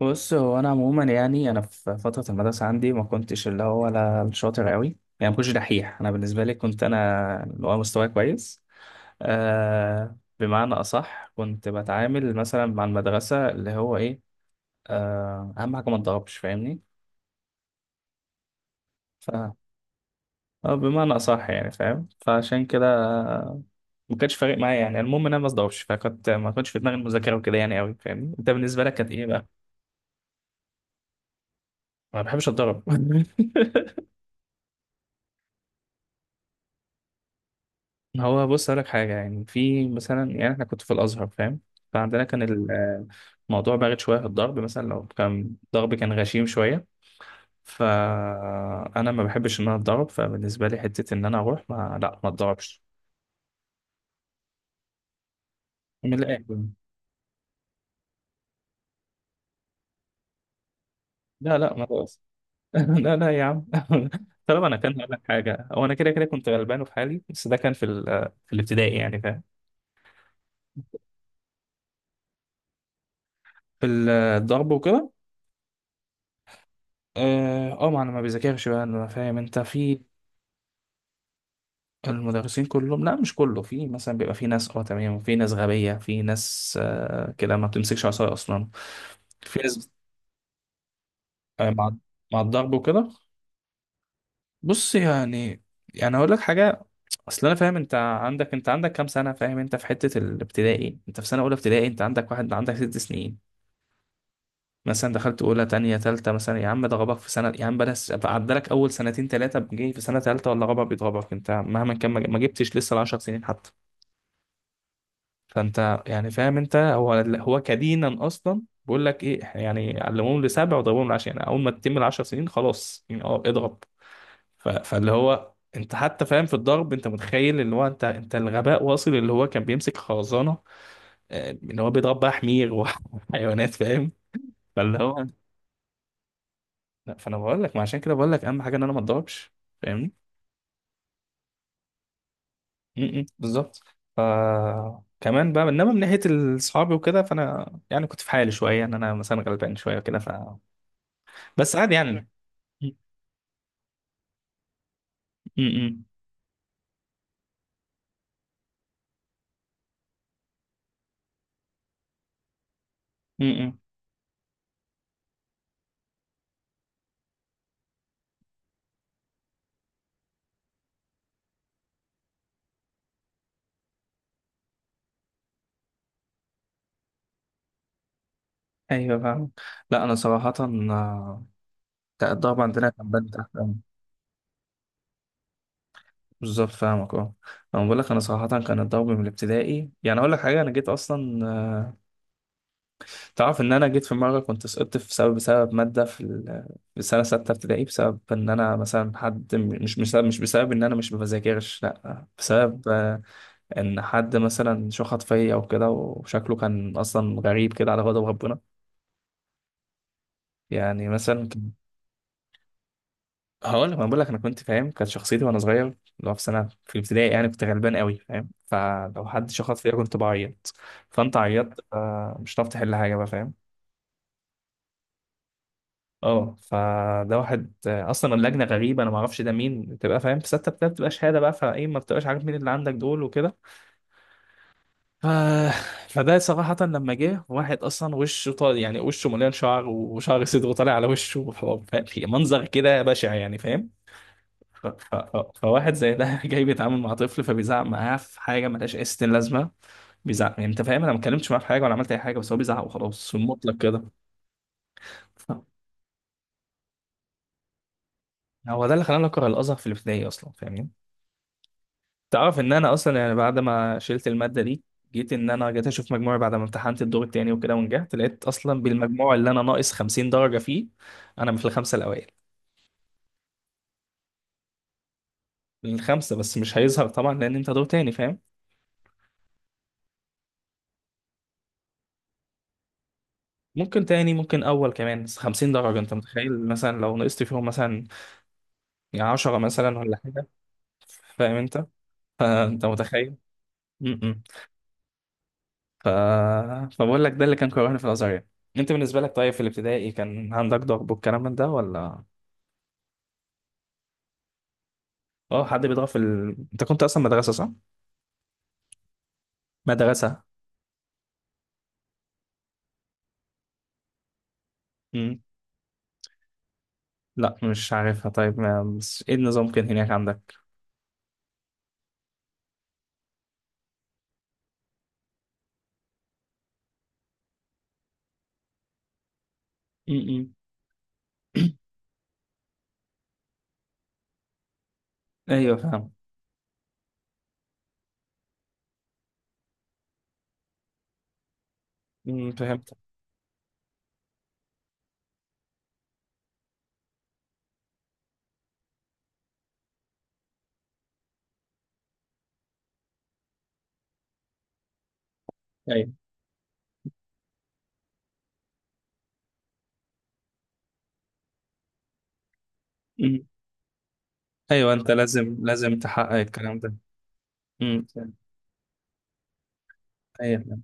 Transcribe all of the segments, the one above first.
بص هو انا عموما، يعني انا في فتره المدرسه عندي ما كنتش اللي هو ولا شاطر قوي. يعني ما كنتش دحيح. انا بالنسبه لي كنت انا اللي هو مستواي كويس. بمعنى اصح كنت بتعامل مثلا مع المدرسه اللي هو ايه. اهم حاجه ما اتضربش، فاهمني؟ ف بمعنى اصح يعني فاهم، فعشان كده آه، ما كانش فارق معايا. يعني المهم ان انا ما اتضربش، فكنت ما كنتش في دماغي المذاكره وكده يعني قوي. فاهمني، انت بالنسبه لك كانت ايه بقى؟ ما بحبش اتضرب. هو بص أقول لك حاجة، يعني في مثلا يعني إحنا كنت في الأزهر، فاهم؟ فعندنا كان الموضوع بارد شوية في الضرب. مثلا لو كان ضرب كان غشيم شوية، فأنا ما بحبش إن أنا أتضرب. فبالنسبة لي حتة إن أنا أروح ما لا ما أتضربش من الآخر. لا لا ما تقص. لا لا يا عم. طالما أنا كان هقول لك حاجة، هو أنا كده كده كنت غلبان وفي حالي، بس ده كان في الابتدائي يعني، فاهم؟ في الضرب وكده. اه، ما انا ما بذاكرش بقى انا، فاهم انت؟ في المدرسين كلهم، لا مش كله. في مثلا بيبقى في ناس اه تمام، وفي ناس غبية، في ناس كده ما بتمسكش عصاية أصلا. في ناس مع مع الضرب وكده. بص يعني، يعني هقول لك حاجة. أصل أنا فاهم، أنت عندك كام سنة؟ فاهم، أنت في حتة الابتدائي، أنت في سنة أولى ابتدائي، أنت عندك واحد، عندك ست سنين. مثلا دخلت أولى، تانية، تالتة، مثلا يا عم ده غبك في سنة. يا عم بلاش، عدالك أول سنتين تلاتة، جاي في سنة تالتة ولا غبك بيتغبك، أنت مهما كان ما جبتش لسه العشر سنين حتى. فانت يعني فاهم انت هو، هو كدينا اصلا بيقول لك ايه، إحنا يعني علموهم لسبع وضربوهم لعشرة. يعني اول ما تتم العشر سنين خلاص يعني اه اضرب. ف- فاللي هو انت حتى فاهم في الضرب، انت متخيل اللي هو انت الغباء واصل اللي هو كان بيمسك خرزانه، اللي هو بيضرب بقى حمير وحيوانات. فاهم؟ فاللي هو لا. فانا بقول لك ما عشان كده بقول لك اهم حاجه ان انا ما اتضربش، فاهمني؟ م- م، بالظبط. ف كمان بقى، انما من ناحيه اصحابي وكده، فانا يعني كنت في حالي شويه، ان انا مثلا غلبان شويه وكده. بس عادي لا يعني. م- م- م- م- ايوه فاهم. لا انا صراحه، الضرب عندنا كان بان تحت أوي. بالظبط فاهمك، اه. انا بقول لك انا صراحه كان الضرب من الابتدائي، يعني اقول لك حاجه، انا جيت اصلا، تعرف ان انا جيت في مره كنت سقطت في سبب بسبب ماده في السنه سته ابتدائي، بسبب ان انا مثلا حد، مش بسبب، مش بسبب ان انا مش بذاكرش، لا، بسبب ان حد مثلا شخط فيا او كده، وشكله كان اصلا غريب كده على غضب ربنا يعني مثلا. هقول لك، انا بقول لك انا كنت فاهم، كانت شخصيتي وانا صغير، لو في سنه في الابتدائي يعني كنت غلبان قوي، فاهم؟ فلو حد شخط فيا كنت بعيط. فانت عيطت، مش هتعرف تحل حاجه بقى، فاهم؟ اه، فده واحد، اصلا اللجنه غريبه، انا ما اعرفش ده مين، بتبقى فاهم في سته ابتدائي بتبقى شهاده بقى، فايه ما بتبقاش عارف مين اللي عندك دول وكده. ف... فده صراحه لما جه واحد، اصلا وشه طالع يعني، وشه مليان شعر وشعر صدره طالع على وشه وحوار، فاهم؟ منظر كده بشع يعني، فاهم؟ فواحد زي ده جاي بيتعامل مع طفل، فبيزعق معاه في حاجه ملهاش اي ستين لازمه. بيزعق يعني، انت فاهم انا ما اتكلمتش معاه في حاجه ولا عملت اي حاجه، بس هو بيزعق وخلاص في المطلق كده. ف- هو ده اللي خلاني اكره الازهر في الابتدائي اصلا، فاهمني؟ تعرف ان انا اصلا يعني بعد ما شلت الماده دي، جيت ان انا جيت اشوف مجموعي بعد ما امتحنت الدور التاني وكده ونجحت، لقيت اصلا بالمجموع اللي انا ناقص 50 درجه فيه، انا في الخمسه الاوائل. الخمسه بس مش هيظهر طبعا لان انت دور تاني، فاهم؟ ممكن تاني، ممكن اول كمان. بس 50 درجه انت متخيل مثلا لو نقصت فيهم مثلا يعني عشرة مثلا ولا حاجة، فاهم انت؟ فانت متخيل. م- م. ف... فبقول لك ده اللي كان كرهني في الازهر يعني. انت بالنسبة لك طيب في الابتدائي كان عندك ضغط والكلام من ده ولا؟ اه حد بيضغط انت كنت اصلا مدرسة صح؟ مدرسة. م. لا مش عارفها. طيب ما... بس ايه النظام كان هناك عندك؟ م- م. ايوه فاهم. م، فهمت. ايوه. م. ايوه انت لازم تحقق الكلام ده. م. ايوه فاهم.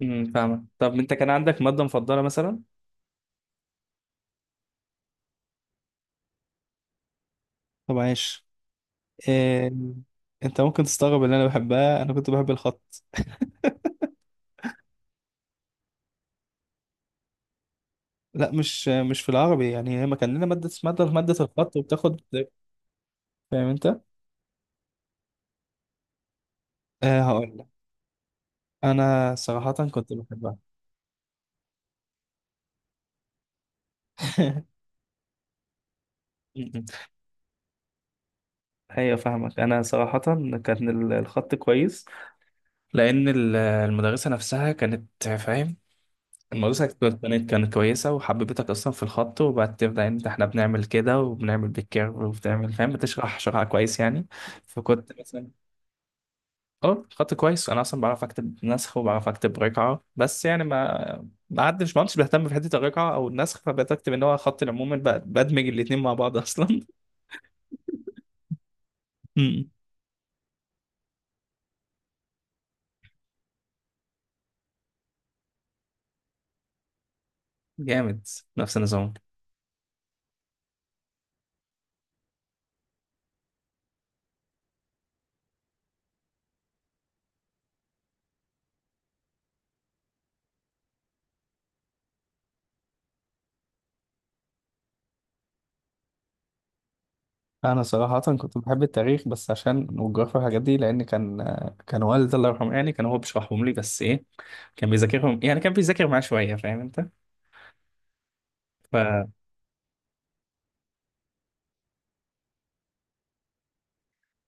م، فاهمك. طب انت كان عندك مادة مفضلة مثلا؟ طب عاش. إيه، انت ممكن تستغرب اللي انا بحبها، انا كنت بحب الخط. لا مش في العربي، يعني هي ما كان لنا ماده اسمها ماده مادة الخط وبتاخد، فاهم انت؟ أه هقول لك، انا صراحه كنت بحبها. ايوه فاهمك. انا صراحه كان الخط كويس، لان المدرسه نفسها كانت فاهم. المدرسه كانت كويسه، وحببتك اصلا في الخط، وبعد تبدا انت احنا بنعمل كده وبنعمل بالكيرف وبتعمل، فاهم؟ بتشرح شرح كويس يعني. فكنت مثلا اه خط كويس، انا اصلا بعرف اكتب نسخ وبعرف اكتب رقعه، بس يعني ما عدتش، ما كنتش بهتم في حته الرقعه او النسخ، فبقيت اكتب ان هو خط العموم بدمج الاتنين مع بعض اصلا. أمم. جامد. نفس النظام. انا صراحه كنت بحب التاريخ بس عشان، والجغرافيا والحاجات دي، لان كان كان والدي الله يرحمه يعني كان هو بيشرحهم لي. بس ايه، كان بيذاكرهم، يعني كان بيذاكر معاه شويه، فاهم انت؟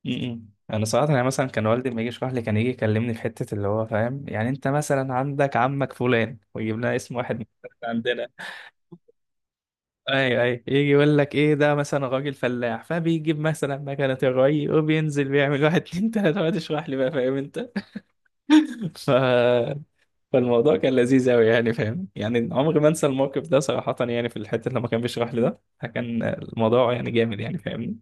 م-م. انا صراحه يعني مثلا كان والدي لما يجي يشرح لي كان يجي يكلمني في حته اللي هو فاهم، يعني انت مثلا عندك عمك فلان، ويجيب لنا اسم واحد من الناس عندنا. اي اي يجي يقول لك ايه ده، مثلا راجل فلاح، فبيجيب مثلا مكنه الري، وبينزل بيعمل واحد اتنين تلاته، وقعد يشرح لي بقى، فاهم انت؟ ف... فالموضوع كان لذيذ قوي يعني، فاهم؟ يعني عمري ما انسى الموقف ده صراحه، يعني في الحته لما كان بيشرح لي ده كان الموضوع يعني جامد يعني، فاهمني؟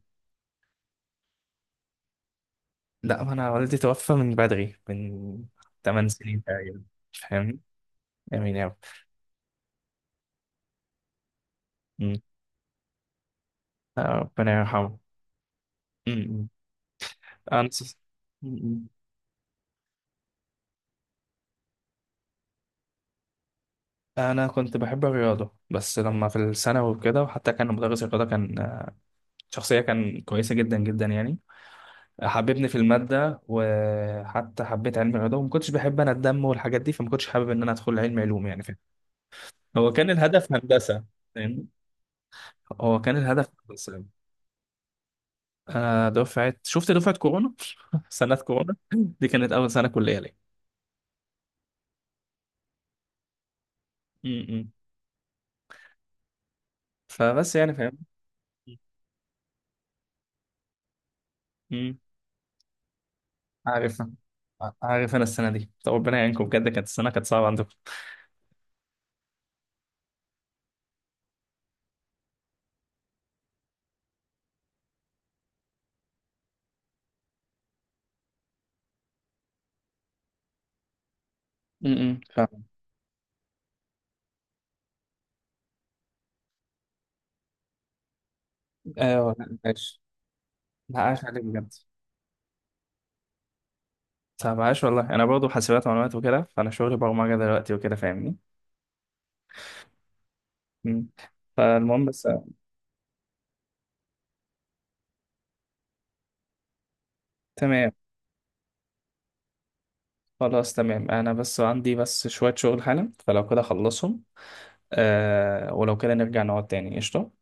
لا انا والدي توفى من بدري، من 8 سنين تقريبا، فاهم؟ جميل أوي. أمم. آه، ربنا يرحمه. أمم. أنا أمم. أنا كنت بحب الرياضة، بس لما في الثانوي وكده، وحتى كان مدرس الرياضة كان شخصية كان كويسة جدا جدا يعني، حببني في المادة وحتى حبيت علم الرياضة. وما كنتش بحب أنا الدم والحاجات دي، فما كنتش حابب إن أنا أدخل علم علوم يعني، فاهم؟ هو كان الهدف هندسة. فاهمني، هو كان الهدف هندسة. آه دفعة، شفت دفعة كورونا. سنة كورونا. دي كانت أول سنة كلية ليا. أمم. فبس يعني، فاهم؟ عارف، عارف انا السنه دي. طب ربنا يعينكم بجد، كانت السنه كانت صعبه عندكم. فاهم. ايوه، لا ماشي. لا عاش عليك بجد. طب عاش والله، انا برضه حاسبات ومعلومات وكده، فانا شغلي برمجه دلوقتي وكده، فاهمني؟ امم. فالمهم بس، تمام. خلاص تمام، انا بس عندي بس شويه شغل حالا، فلو كده اخلصهم. آه ولو كده نرجع نقعد تاني قشطه.